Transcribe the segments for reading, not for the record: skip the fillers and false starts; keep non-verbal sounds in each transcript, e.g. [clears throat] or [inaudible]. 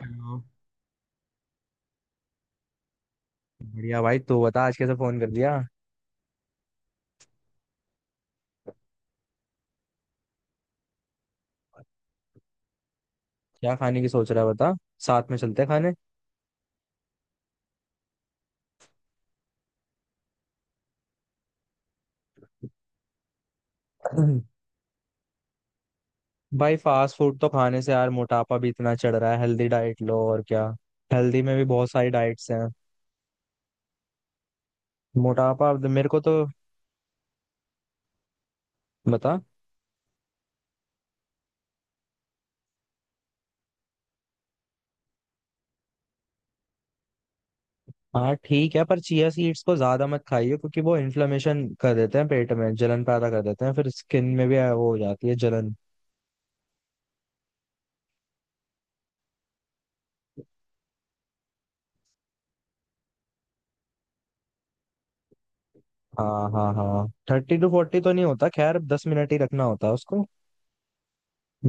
अच्छा। बढ़िया भाई, तू बता आज कैसे फोन कर दिया? क्या खाने की सोच रहा है बता। साथ में चलते हैं खाने। [clears throat] भाई फास्ट फूड तो खाने से यार मोटापा भी इतना चढ़ रहा है, हेल्दी डाइट लो और क्या। हेल्दी में भी बहुत सारी डाइट्स हैं। मोटापा मेरे को तो। बता। हाँ ठीक है, पर चिया सीड्स को ज्यादा मत खाइए क्योंकि वो इन्फ्लेमेशन कर देते हैं, पेट में जलन पैदा कर देते हैं, फिर स्किन में भी वो हो जाती है जलन। हाँ हाँ हाँ, 30 to 40 तो नहीं होता, खैर 10 मिनट ही रखना होता है उसको।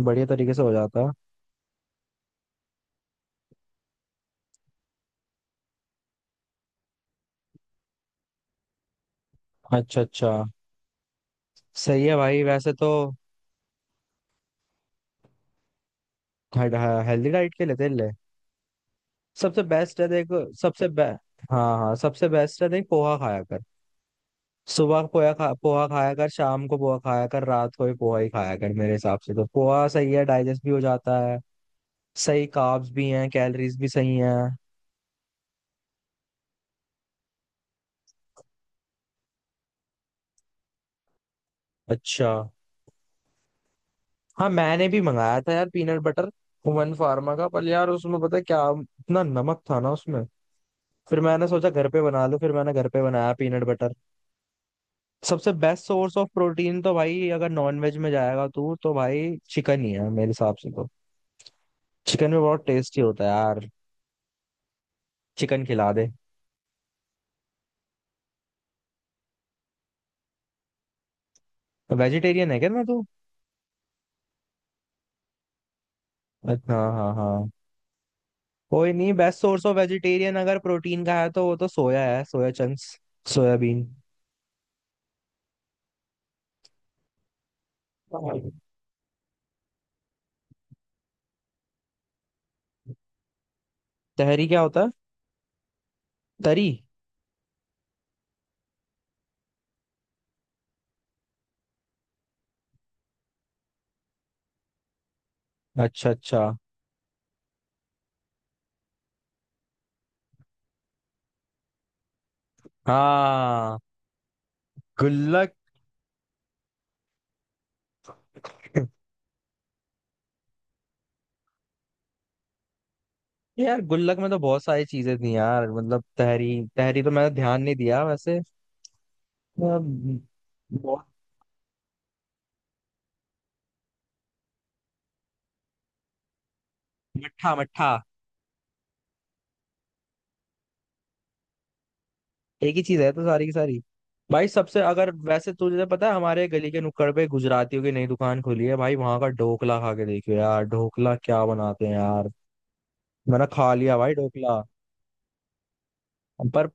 बढ़िया तरीके से हो जाता है। अच्छा अच्छा। सही है भाई वैसे तो। हेल्दी डाइट के लिए तेरे लिए सबसे बेस्ट है देख। सबसे बे हाँ हाँ, सबसे बेस्ट है देख, पोहा खाया कर। सुबह पोहा खा, पोहा खाया कर, शाम को पोहा खाया कर, रात को भी पोहा ही खाया कर, मेरे हिसाब से तो पोहा सही है, डाइजेस्ट भी हो जाता है। सही कार्ब्स भी हैं, कैलोरीज भी सही हैं। अच्छा। हाँ, मैंने भी मंगाया था यार पीनट बटर, हुमन फार्मा का, पर यार उसमें पता है क्या, इतना नमक था ना उसमें। फिर मैंने सोचा घर पे बना लूं, फिर मैंने घर पे बनाया पीनट बटर। सबसे बेस्ट सोर्स ऑफ प्रोटीन तो भाई, अगर नॉन वेज में जाएगा तू तो भाई चिकन ही है मेरे हिसाब से तो। चिकन में बहुत टेस्टी होता है यार। चिकन खिला दे। वेजिटेरियन है क्या ना तू? अच्छा हाँ हाँ हाँ। कोई नहीं, बेस्ट सोर्स ऑफ वेजिटेरियन अगर प्रोटीन का है तो वो तो सोया है, सोया चंक्स, सोयाबीन। तहरी क्या होता है? तरी। अच्छा अच्छा। हाँ। गुल्लक। यार गुल्लक में तो बहुत सारी चीजें थी यार, मतलब तहरी। तहरी तो मैंने ध्यान नहीं दिया वैसे। अम, बहुत। मट्ठा मट्ठा। एक ही चीज है तो सारी की सारी। भाई सबसे अगर वैसे तुझे पता है, हमारे गली के नुक्कड़ पे गुजरातियों की नई दुकान खुली है, भाई वहां का ढोकला खा के देखियो यार, ढोकला क्या बनाते हैं यार। मैंने खा लिया भाई ढोकला। पर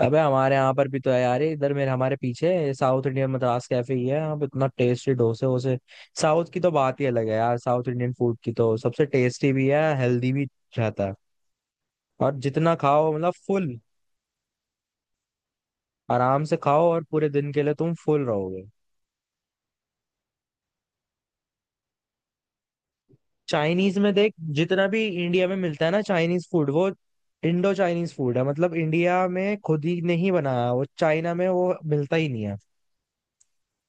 अबे हमारे यहाँ पर भी तो है यार, ये इधर मेरे हमारे पीछे साउथ इंडियन मद्रास कैफे ही है, यहाँ पे इतना टेस्टी डोसे वोसे। साउथ की तो बात ही अलग है यार, साउथ इंडियन फूड की तो सबसे टेस्टी भी है, हेल्दी भी रहता है। और जितना खाओ, मतलब फुल, आराम से खाओ और पूरे दिन के लिए तुम फुल रहोगे। चाइनीज में देख, जितना भी इंडिया में मिलता है ना चाइनीज फूड, वो इंडो चाइनीज फूड है, मतलब इंडिया में खुद ही ने ही बनाया, वो चाइना में वो मिलता ही नहीं है।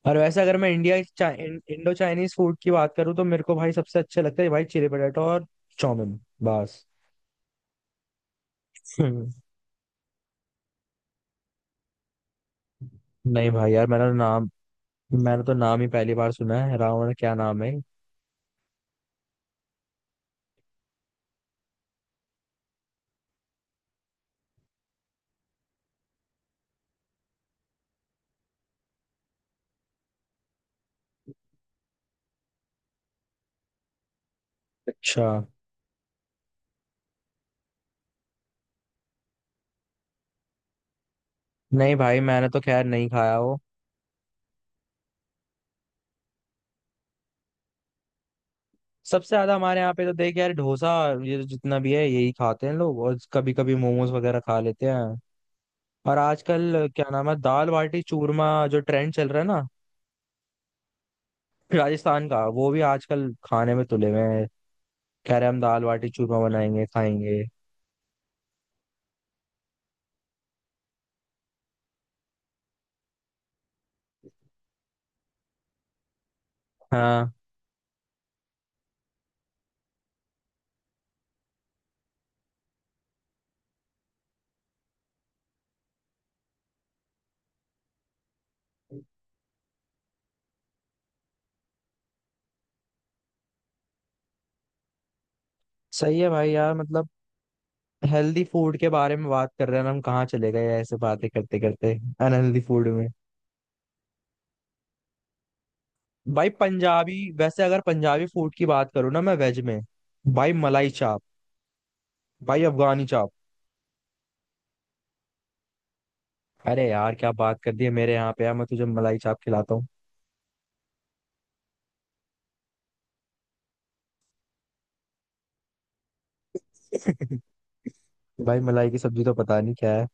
और वैसे अगर मैं इंडो चाइनीज फूड की बात करूँ तो मेरे को भाई सबसे अच्छे लगते हैं भाई चिली पटेटो और चाउमिन बस। हम्म, नहीं भाई यार, मैंने तो नाम ही पहली बार सुना है, रावण क्या नाम है। अच्छा। नहीं भाई मैंने तो खैर नहीं खाया वो। सबसे ज्यादा हमारे यहाँ पे तो देख यार डोसा, ये तो जितना भी है यही खाते हैं लोग, और कभी कभी मोमोज वगैरह खा लेते हैं। और आजकल क्या नाम है, दाल बाटी चूरमा, जो ट्रेंड चल रहा है ना, राजस्थान का, वो भी आजकल खाने में तुले हुए हैं, कह रहे हैं हम दाल बाटी चूरमा बनाएंगे खाएंगे। हाँ। सही है भाई यार, मतलब हेल्दी फूड के बारे में बात कर रहे हैं और हम कहाँ चले गए ऐसे बातें करते करते अनहेल्दी फूड में। भाई पंजाबी, वैसे अगर पंजाबी फूड की बात करूँ ना मैं वेज में, भाई मलाई चाप, भाई अफगानी चाप। अरे यार क्या बात कर दी है, मेरे यहाँ पे यार मैं तुझे मलाई चाप खिलाता हूँ। [laughs] भाई मलाई की सब्जी तो पता नहीं क्या है।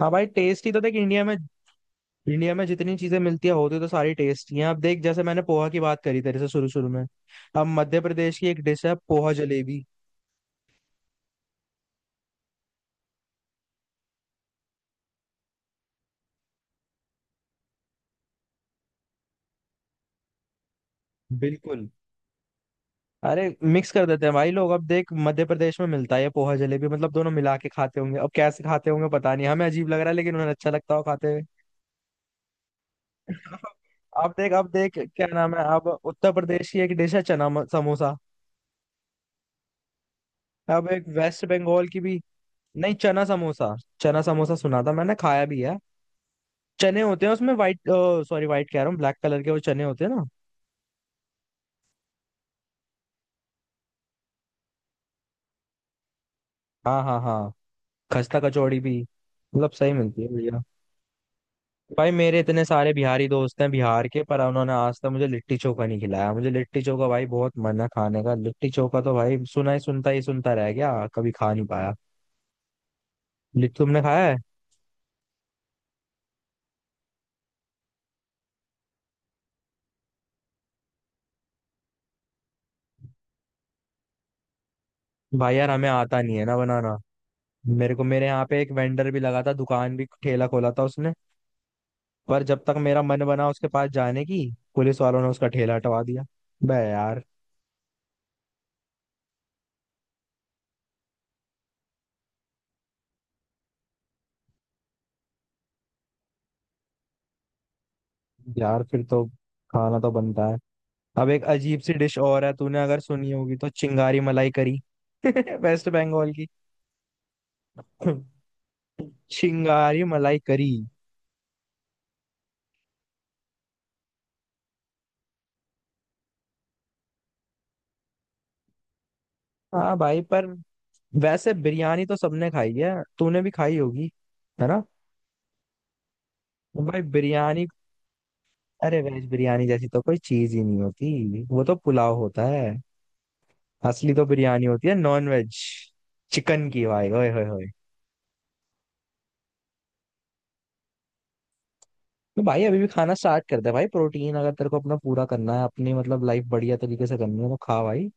हाँ भाई, टेस्ट ही तो देख इंडिया में, इंडिया में जितनी चीजें मिलती है, होती तो सारी टेस्टी हैं। अब देख जैसे मैंने पोहा की बात करी तेरे से शुरू शुरू में, अब मध्य प्रदेश की एक डिश है पोहा जलेबी। बिल्कुल। अरे मिक्स कर देते हैं भाई लोग, अब देख मध्य प्रदेश में मिलता है ये पोहा जलेबी, मतलब दोनों मिला के खाते होंगे, अब कैसे खाते होंगे पता नहीं, हमें अजीब लग रहा है लेकिन उन्हें अच्छा लगता हो खाते। अब देख, अब देख क्या नाम है, अब उत्तर प्रदेश की एक डिश है चना समोसा। अब एक वेस्ट बंगाल की भी। नहीं, चना समोसा। चना समोसा सुना था, मैंने खाया भी है। चने होते हैं उसमें वाइट, सॉरी वाइट कह रहा हूँ, ब्लैक कलर के वो चने होते हैं ना। हाँ हाँ हाँ। खस्ता कचौड़ी भी मतलब सही मिलती है भैया। भाई मेरे इतने सारे बिहारी दोस्त हैं बिहार के, पर उन्होंने आज तक मुझे लिट्टी चोखा नहीं खिलाया, मुझे लिट्टी चोखा भाई बहुत मन है खाने का, लिट्टी चोखा तो भाई सुना ही सुनता रह गया, कभी खा नहीं पाया। लिट्टी तुमने खाया? भाई यार हमें आता नहीं है ना बनाना। मेरे को मेरे यहाँ पे एक वेंडर भी लगा था, दुकान भी ठेला खोला था उसने, पर जब तक मेरा मन बना उसके पास जाने की, पुलिस वालों ने उसका ठेला हटवा दिया। बे यार। यार फिर तो खाना तो बनता है। अब एक अजीब सी डिश और है, तूने अगर सुनी होगी तो, चिंगारी मलाई करी। [laughs] वेस्ट बंगाल की। [laughs] चिंगारी मलाई करी। हाँ भाई पर, वैसे बिरयानी तो सबने खाई है, तूने भी खाई होगी, है ना? भाई बिरयानी, अरे वेज बिरयानी जैसी तो कोई चीज ही नहीं होती, वो तो पुलाव होता है। असली तो बिरयानी होती है नॉन वेज, चिकन की, भाई ओए होए होए। तो भाई अभी भी खाना स्टार्ट कर दे भाई, प्रोटीन अगर तेरे को अपना पूरा करना है, अपनी मतलब लाइफ बढ़िया तरीके से करनी है तो खा भाई।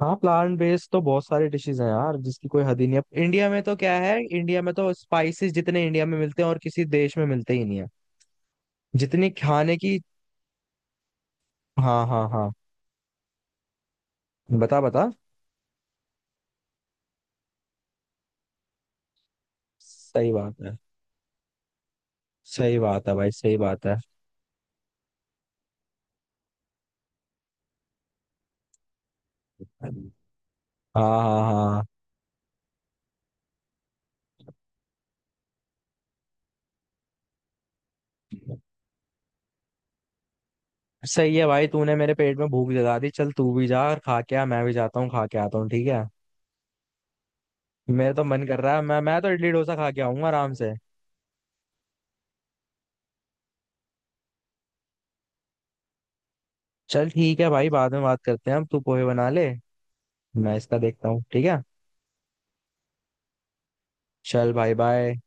हाँ प्लांट बेस्ड तो बहुत सारे डिशेज हैं यार, जिसकी कोई हद ही नहीं है, इंडिया में तो क्या है, इंडिया में तो स्पाइसेस जितने इंडिया में मिलते हैं और किसी देश में मिलते ही नहीं है। जितनी खाने की, हाँ हाँ हाँ। बता बता। सही बात है, सही बात है भाई, सही बात है। हाँ हाँ हाँ। सही है भाई, तूने मेरे पेट में भूख जगा दी, चल तू भी जा और खा के आ, मैं भी जाता हूँ खा के आता हूँ ठीक है। मेरा तो मन कर रहा है, मैं तो इडली डोसा खा के आऊंगा आराम से। चल ठीक है भाई, बाद में बात करते हैं हम, तू पोहे बना ले, मैं इसका देखता हूँ ठीक है। चल भाई बाय।